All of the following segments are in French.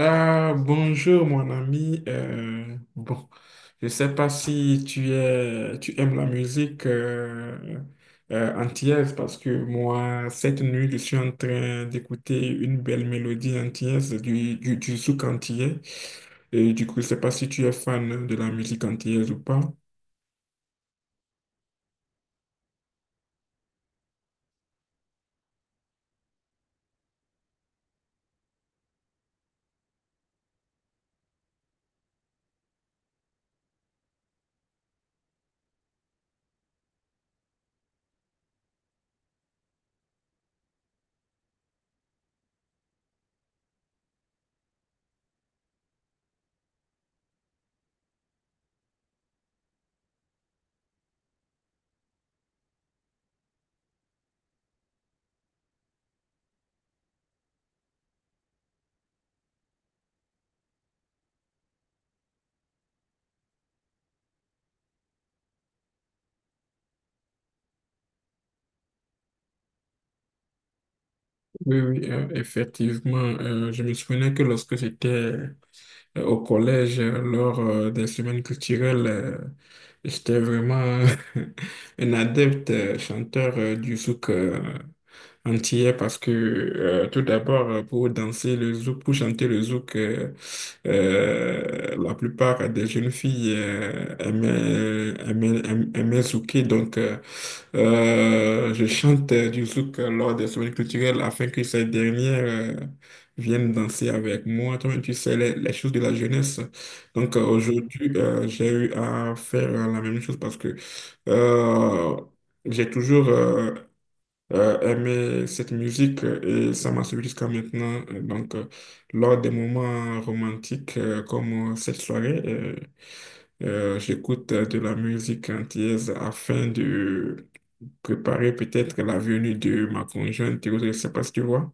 Ah, bonjour mon ami. Je sais pas si tu aimes la musique antillaise parce que moi, cette nuit, je suis en train d'écouter une belle mélodie antillaise du zouk antillais. Et du coup, je sais pas si tu es fan de la musique antillaise ou pas. Oui, oui, effectivement. Je me souvenais que lorsque j'étais au collège, lors des semaines culturelles, j'étais vraiment un adepte chanteur du souk entière parce que tout d'abord, pour danser le zouk, pour chanter le zouk, la plupart des jeunes filles aimaient zouker. Donc, je chante du zouk lors des semaines culturelles afin que ces dernières viennent danser avec moi. Toi-même, tu sais, les choses de la jeunesse. Donc, aujourd'hui, j'ai eu à faire la même chose parce que euh, j'ai toujours aimer cette musique et ça m'a suivi jusqu'à maintenant. Donc, lors des moments romantiques comme cette soirée, j'écoute de la musique antillaise afin de préparer peut-être la venue de ma conjointe et autres. Je ne sais pas si tu vois.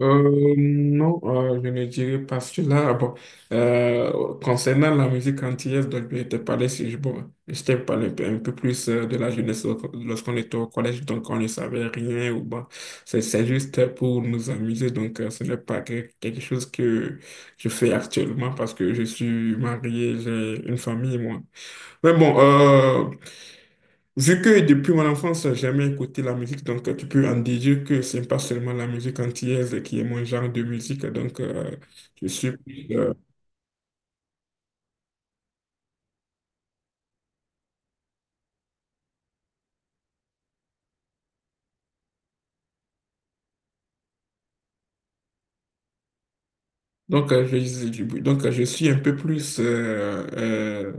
Non, je ne dirais pas cela. Ah bon, concernant la musique antillaise dont je te parlais, si je, bon, je t'ai parlé un peu plus de la jeunesse lorsqu'on était au collège, donc on ne savait rien. Ou bon, c'est juste pour nous amuser, donc ce n'est pas quelque chose que je fais actuellement parce que je suis marié, j'ai une famille, moi. Mais bon, vu que depuis mon enfance, j'ai jamais écouté la musique, donc tu peux en déduire que c'est pas seulement la musique antillaise qui est mon genre de musique. Donc, je suis. Donc, je suis un peu plus, euh, euh,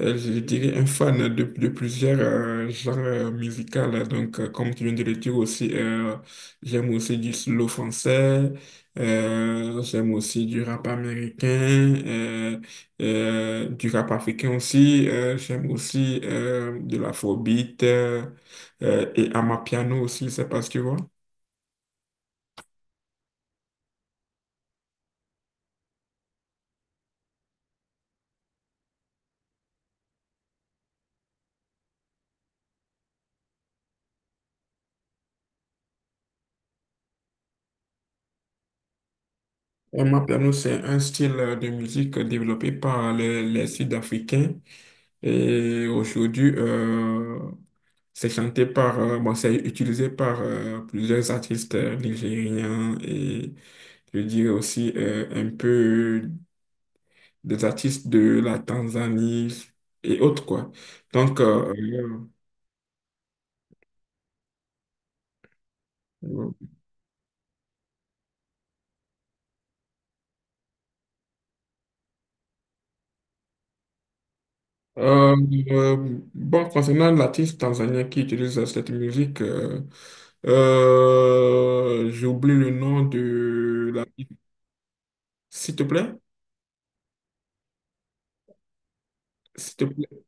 euh, je dirais, un fan de plusieurs genres musicaux. Là. Donc, comme tu viens de le dire aussi, j'aime aussi du slow français, j'aime aussi du rap américain, du rap africain aussi, j'aime aussi de l'afrobeat et amapiano aussi, c'est parce que tu vois. Et moi, piano, c'est un style de musique développé par les Sud-Africains. Et aujourd'hui, c'est chanté par, c'est utilisé par plusieurs artistes nigériens et je dirais aussi un peu des artistes de la Tanzanie et autres, quoi. Donc, euh, Euh, concernant l'artiste tanzanien qui utilise cette musique, j'oublie le nom de l'artiste. S'il te plaît, s'il te plaît.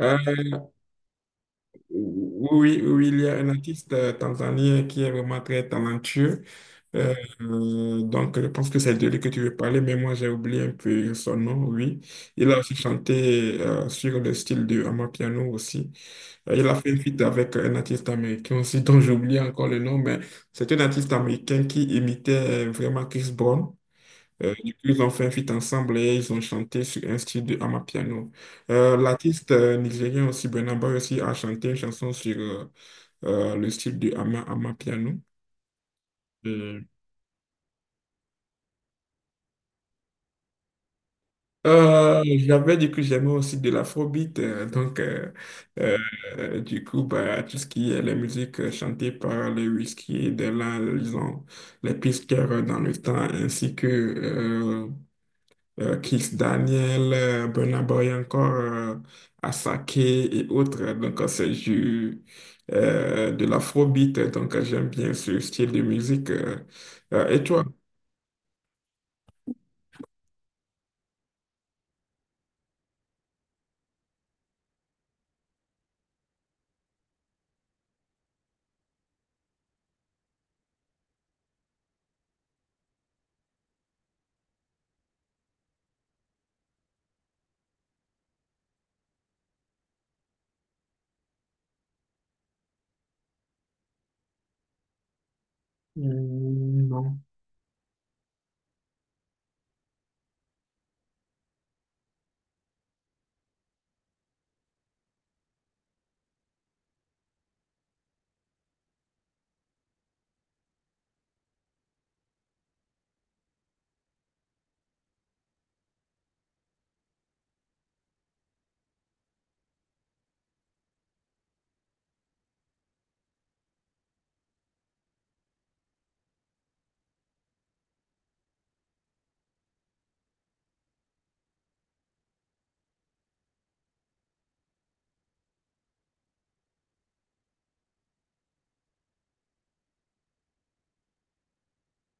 Euh, oui, oui, oui, il y a un artiste tanzanien qui est vraiment très talentueux. Euh, donc, je pense que c'est de lui que tu veux parler, mais moi, j'ai oublié un peu son nom, oui. Il a aussi chanté sur le style de Amapiano aussi. Il a fait une feat avec un artiste américain aussi, dont j'oublie encore le nom, mais c'est un artiste américain qui imitait vraiment Chris Brown. Du coup, ils ont fait un feat ensemble et ils ont chanté sur un style de Amapiano. L'artiste nigérien aussi, Burna Boy aussi, a chanté une chanson sur le style de Amapiano. J'avais dit que j'aimais aussi de l'afrobeat, euh, du coup, bah, tout ce qui est la musique chantée par les whisky, de là, disons, les pisteurs dans le temps, ainsi que Kiss Daniel, Burna Boy encore, Asake et autres. Donc, c'est du, de l'afrobeat, donc j'aime bien ce style de musique. Et toi? Hmm, non.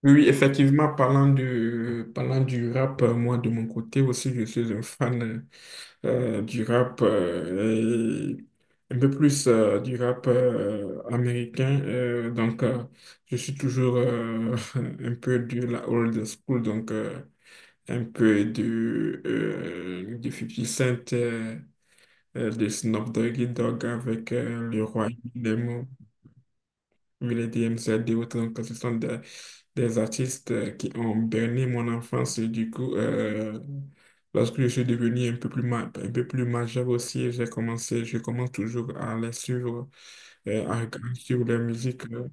Oui, effectivement, parlant du rap, moi de mon côté aussi, je suis un fan du rap, et un peu plus du rap américain. Donc, je suis toujours un peu de la old school, donc un peu du 50 Cent, de Snoop Doggy Dogg avec le roi des mots l'EDM, c'est des autres, donc ce sont des artistes qui ont berné mon enfance. Et du coup, lorsque je suis devenu un peu plus, un peu plus majeur aussi, j'ai commencé, je commence toujours à les suivre, à regarder sur leur musique. euh.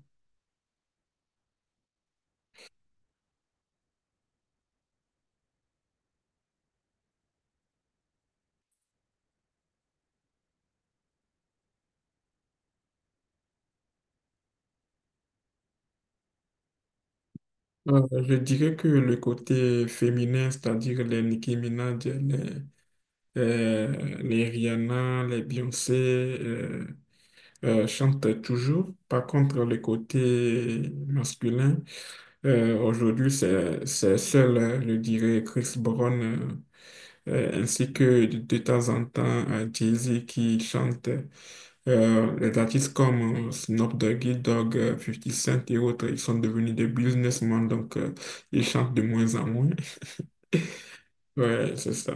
Euh, Je dirais que le côté féminin, c'est-à-dire les Nicki Minaj, les Rihanna, les Beyoncé, chantent toujours. Par contre, le côté masculin, aujourd'hui, c'est seul, je dirais, Chris Brown, ainsi que de temps en temps Jay-Z qui chante. Les artistes comme Snoop Doggy Dogg, 50 Cent et autres, ils sont devenus des businessmen, donc ils chantent de moins en moins. Ouais, c'est ça.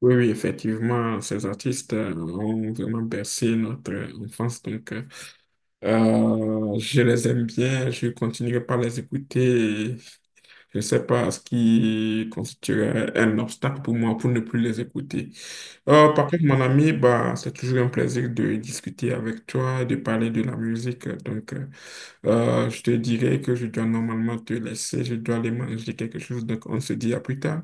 Oui, oui, effectivement, ces artistes ont vraiment bercé notre enfance. Donc, je les aime bien, je continuerai par les écouter. Je ne sais pas ce qui constituerait un obstacle pour moi pour ne plus les écouter. Par contre, mon ami, bah, c'est toujours un plaisir de discuter avec toi, de parler de la musique. Donc, je te dirais que je dois normalement te laisser, je dois aller manger quelque chose. Donc, on se dit à plus tard.